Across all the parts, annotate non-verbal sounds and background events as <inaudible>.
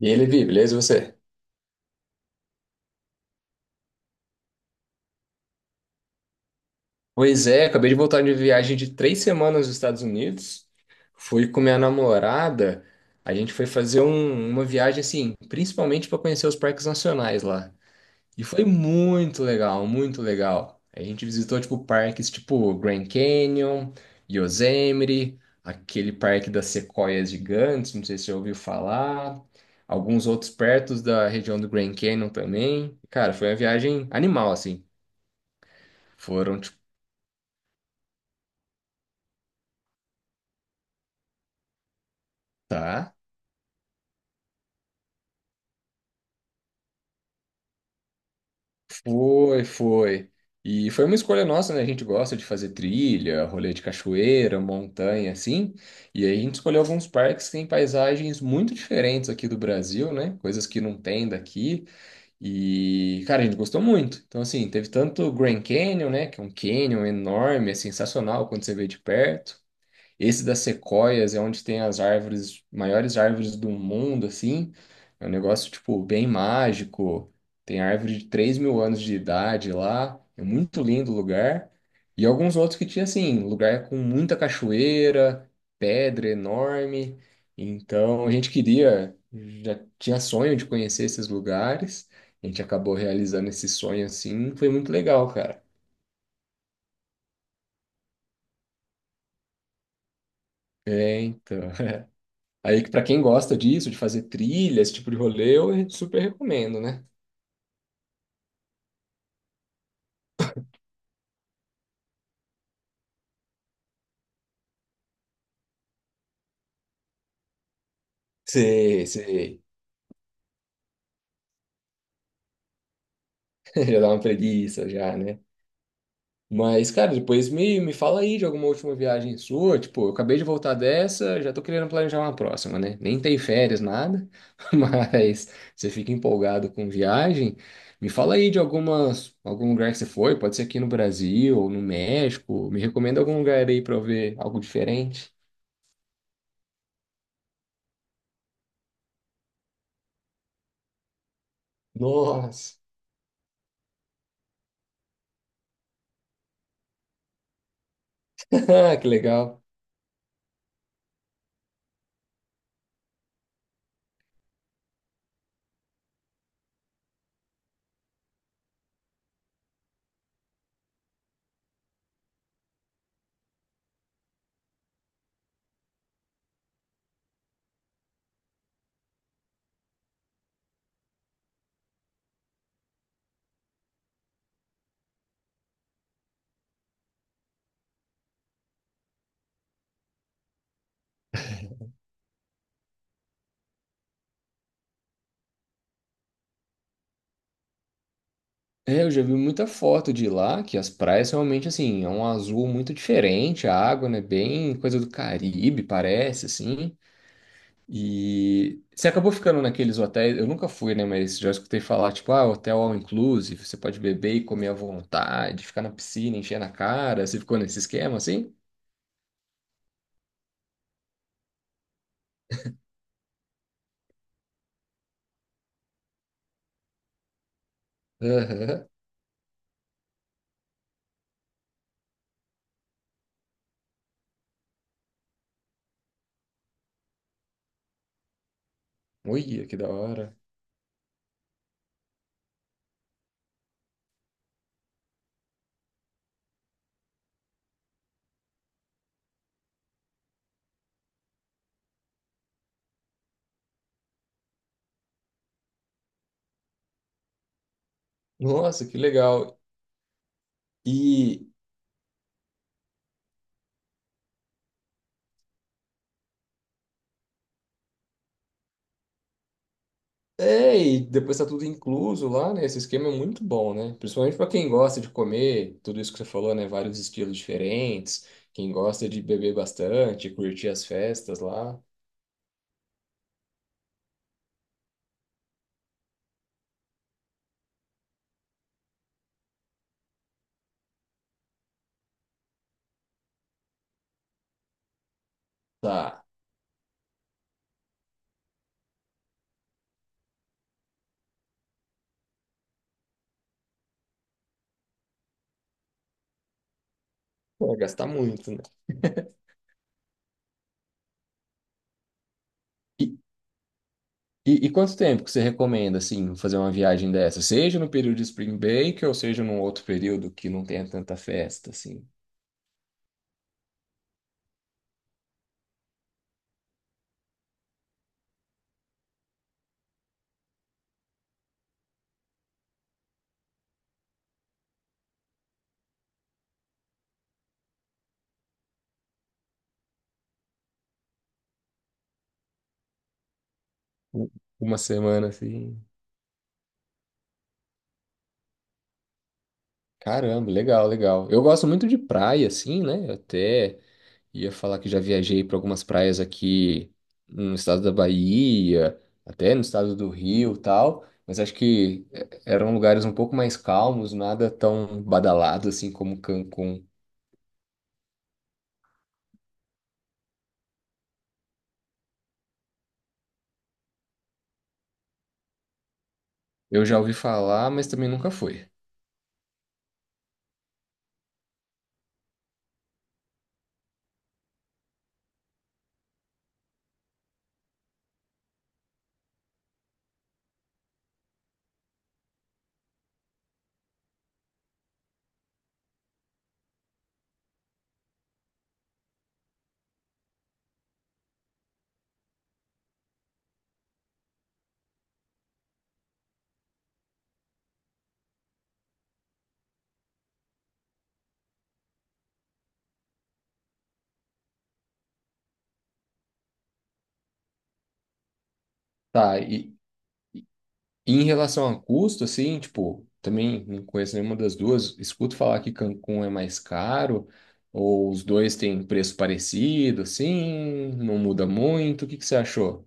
E aí, Levi, beleza? E você? Pois é, acabei de voltar de viagem de 3 semanas nos Estados Unidos. Fui com minha namorada. A gente foi fazer uma viagem, assim, principalmente para conhecer os parques nacionais lá. E foi muito legal, muito legal. A gente visitou, tipo, parques tipo Grand Canyon, Yosemite, aquele parque das sequoias gigantes, não sei se você já ouviu falar. Alguns outros perto da região do Grand Canyon também. Cara, foi uma viagem animal, assim. Foram, tipo, tá. Foi, foi. E foi uma escolha nossa, né? A gente gosta de fazer trilha, rolê de cachoeira, montanha, assim. E aí a gente escolheu alguns parques que têm paisagens muito diferentes aqui do Brasil, né? Coisas que não tem daqui. E, cara, a gente gostou muito. Então, assim, teve tanto o Grand Canyon, né? Que é um canyon enorme, é sensacional quando você vê de perto. Esse das sequoias é onde tem as árvores, maiores árvores do mundo, assim. É um negócio, tipo, bem mágico. Tem árvore de 3 mil anos de idade lá. É muito lindo o lugar. E alguns outros que tinha, assim, lugar com muita cachoeira, pedra enorme. Então, a gente queria, já tinha sonho de conhecer esses lugares. A gente acabou realizando esse sonho, assim. Foi muito legal, cara. É, então. Aí, que para quem gosta disso, de fazer trilha, esse tipo de rolê, eu super recomendo, né? Sei, sei. <laughs> Já dá uma preguiça, já, né? Mas, cara, depois me fala aí de alguma última viagem sua. Tipo, eu acabei de voltar dessa, já tô querendo planejar uma próxima, né? Nem tem férias, nada. <laughs> Mas você fica empolgado com viagem. Me fala aí de algum lugar que você foi. Pode ser aqui no Brasil ou no México. Me recomenda algum lugar aí pra eu ver algo diferente. Nossa, <laughs> que legal. É, eu já vi muita foto de lá, que as praias realmente, assim, é um azul muito diferente, a água, né, bem coisa do Caribe, parece, assim. E você acabou ficando naqueles hotéis, eu nunca fui, né, mas já escutei falar, tipo, ah, hotel all inclusive, você pode beber e comer à vontade, ficar na piscina, encher na cara, você ficou nesse esquema, assim? Aham. Olha, que da hora. Nossa, que legal. e É, e depois tá tudo incluso lá, né? Esse esquema é muito bom, né? Principalmente para quem gosta de comer tudo isso que você falou, né? Vários estilos diferentes, quem gosta de beber bastante, curtir as festas lá, tá. Vai gastar muito, né? E, e quanto tempo que você recomenda, assim, fazer uma viagem dessa? Seja no período de Spring Break ou seja num outro período que não tenha tanta festa, assim? U- Uma semana, assim. Caramba, legal, legal. Eu gosto muito de praia, assim, né? Até. Ia falar que já viajei para algumas praias aqui no estado da Bahia, até no estado do Rio, e tal, mas acho que eh, eram lugares um pouco mais calmos, nada tão badalado assim como Cancún. Eu já ouvi falar, mas também nunca fui. Tá, e em relação a custo, assim, tipo, também não conheço nenhuma das duas. Escuto falar que Cancún é mais caro, ou os dois têm preço parecido, assim, não muda muito. O que que você achou?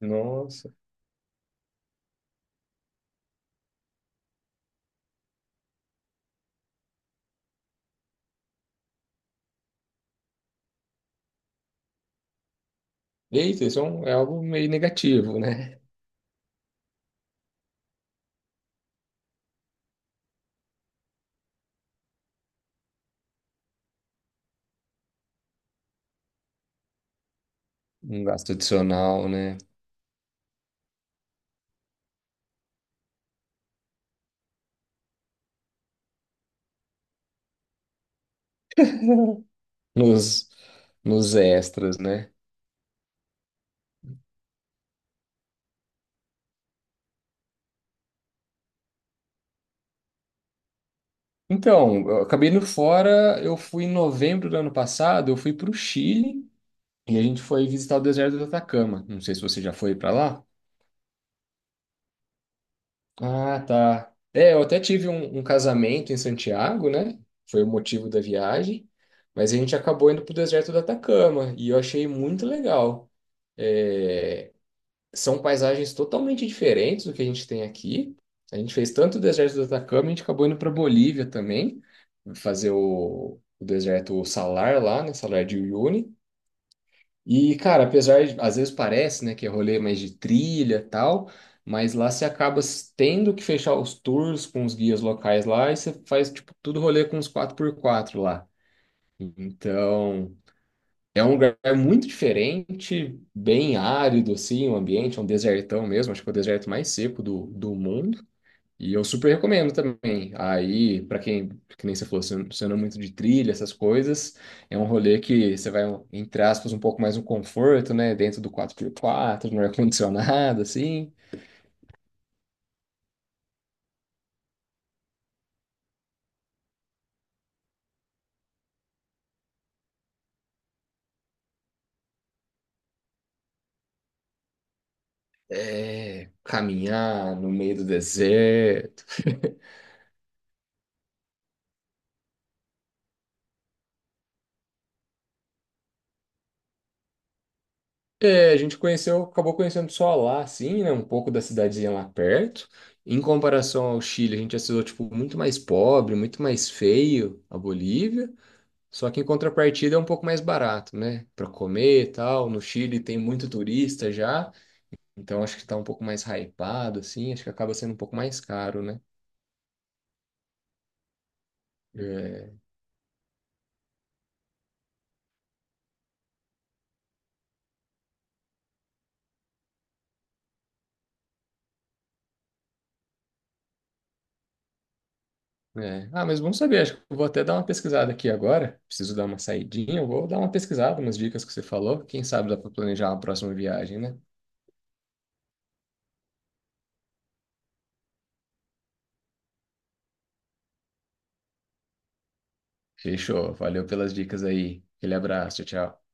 Nossa. Eita, isso é, é algo meio negativo, né? Um gasto adicional, né? Nos, nos extras, né? Então, eu acabei indo fora, eu fui em novembro do ano passado, eu fui para o Chile e a gente foi visitar o deserto do Atacama. Não sei se você já foi para lá. Ah, tá. É, eu até tive um casamento em Santiago, né? Foi o motivo da viagem, mas a gente acabou indo para o deserto do Atacama e eu achei muito legal. É, são paisagens totalmente diferentes do que a gente tem aqui. A gente fez tanto o deserto do Atacama, a gente acabou indo para Bolívia também, fazer o deserto Salar lá, né? Salar de Uyuni. E, cara, apesar de, às vezes parece, né, que é rolê mais de trilha e tal, mas lá você acaba tendo que fechar os tours com os guias locais lá e você faz, tipo, tudo rolê com os 4 por 4 lá. Então, é um lugar muito diferente, bem árido, assim, o ambiente, é um desertão mesmo, acho que é o deserto mais seco do mundo. E eu super recomendo também. Aí, para quem, que nem você falou, você não é muito de trilha, essas coisas, é um rolê que você vai, entre aspas, um pouco mais no conforto, né? Dentro do 4 por 4, no ar-condicionado, assim. É, caminhar no meio do deserto. É, a gente conheceu, acabou conhecendo só lá, assim, né? Um pouco da cidadezinha lá perto. Em comparação ao Chile, a gente achou, tipo, muito mais pobre, muito mais feio a Bolívia. Só que em contrapartida é um pouco mais barato, né? Pra comer e tal. No Chile tem muito turista já, então acho que tá um pouco mais hypado, assim. Acho que acaba sendo um pouco mais caro, né? É, é. Ah, mas vamos saber. Acho que eu vou até dar uma pesquisada aqui agora. Preciso dar uma saidinha. Eu vou dar uma pesquisada, umas dicas que você falou. Quem sabe dá pra planejar uma próxima viagem, né? Fechou. Valeu pelas dicas aí. Aquele abraço. Tchau, tchau.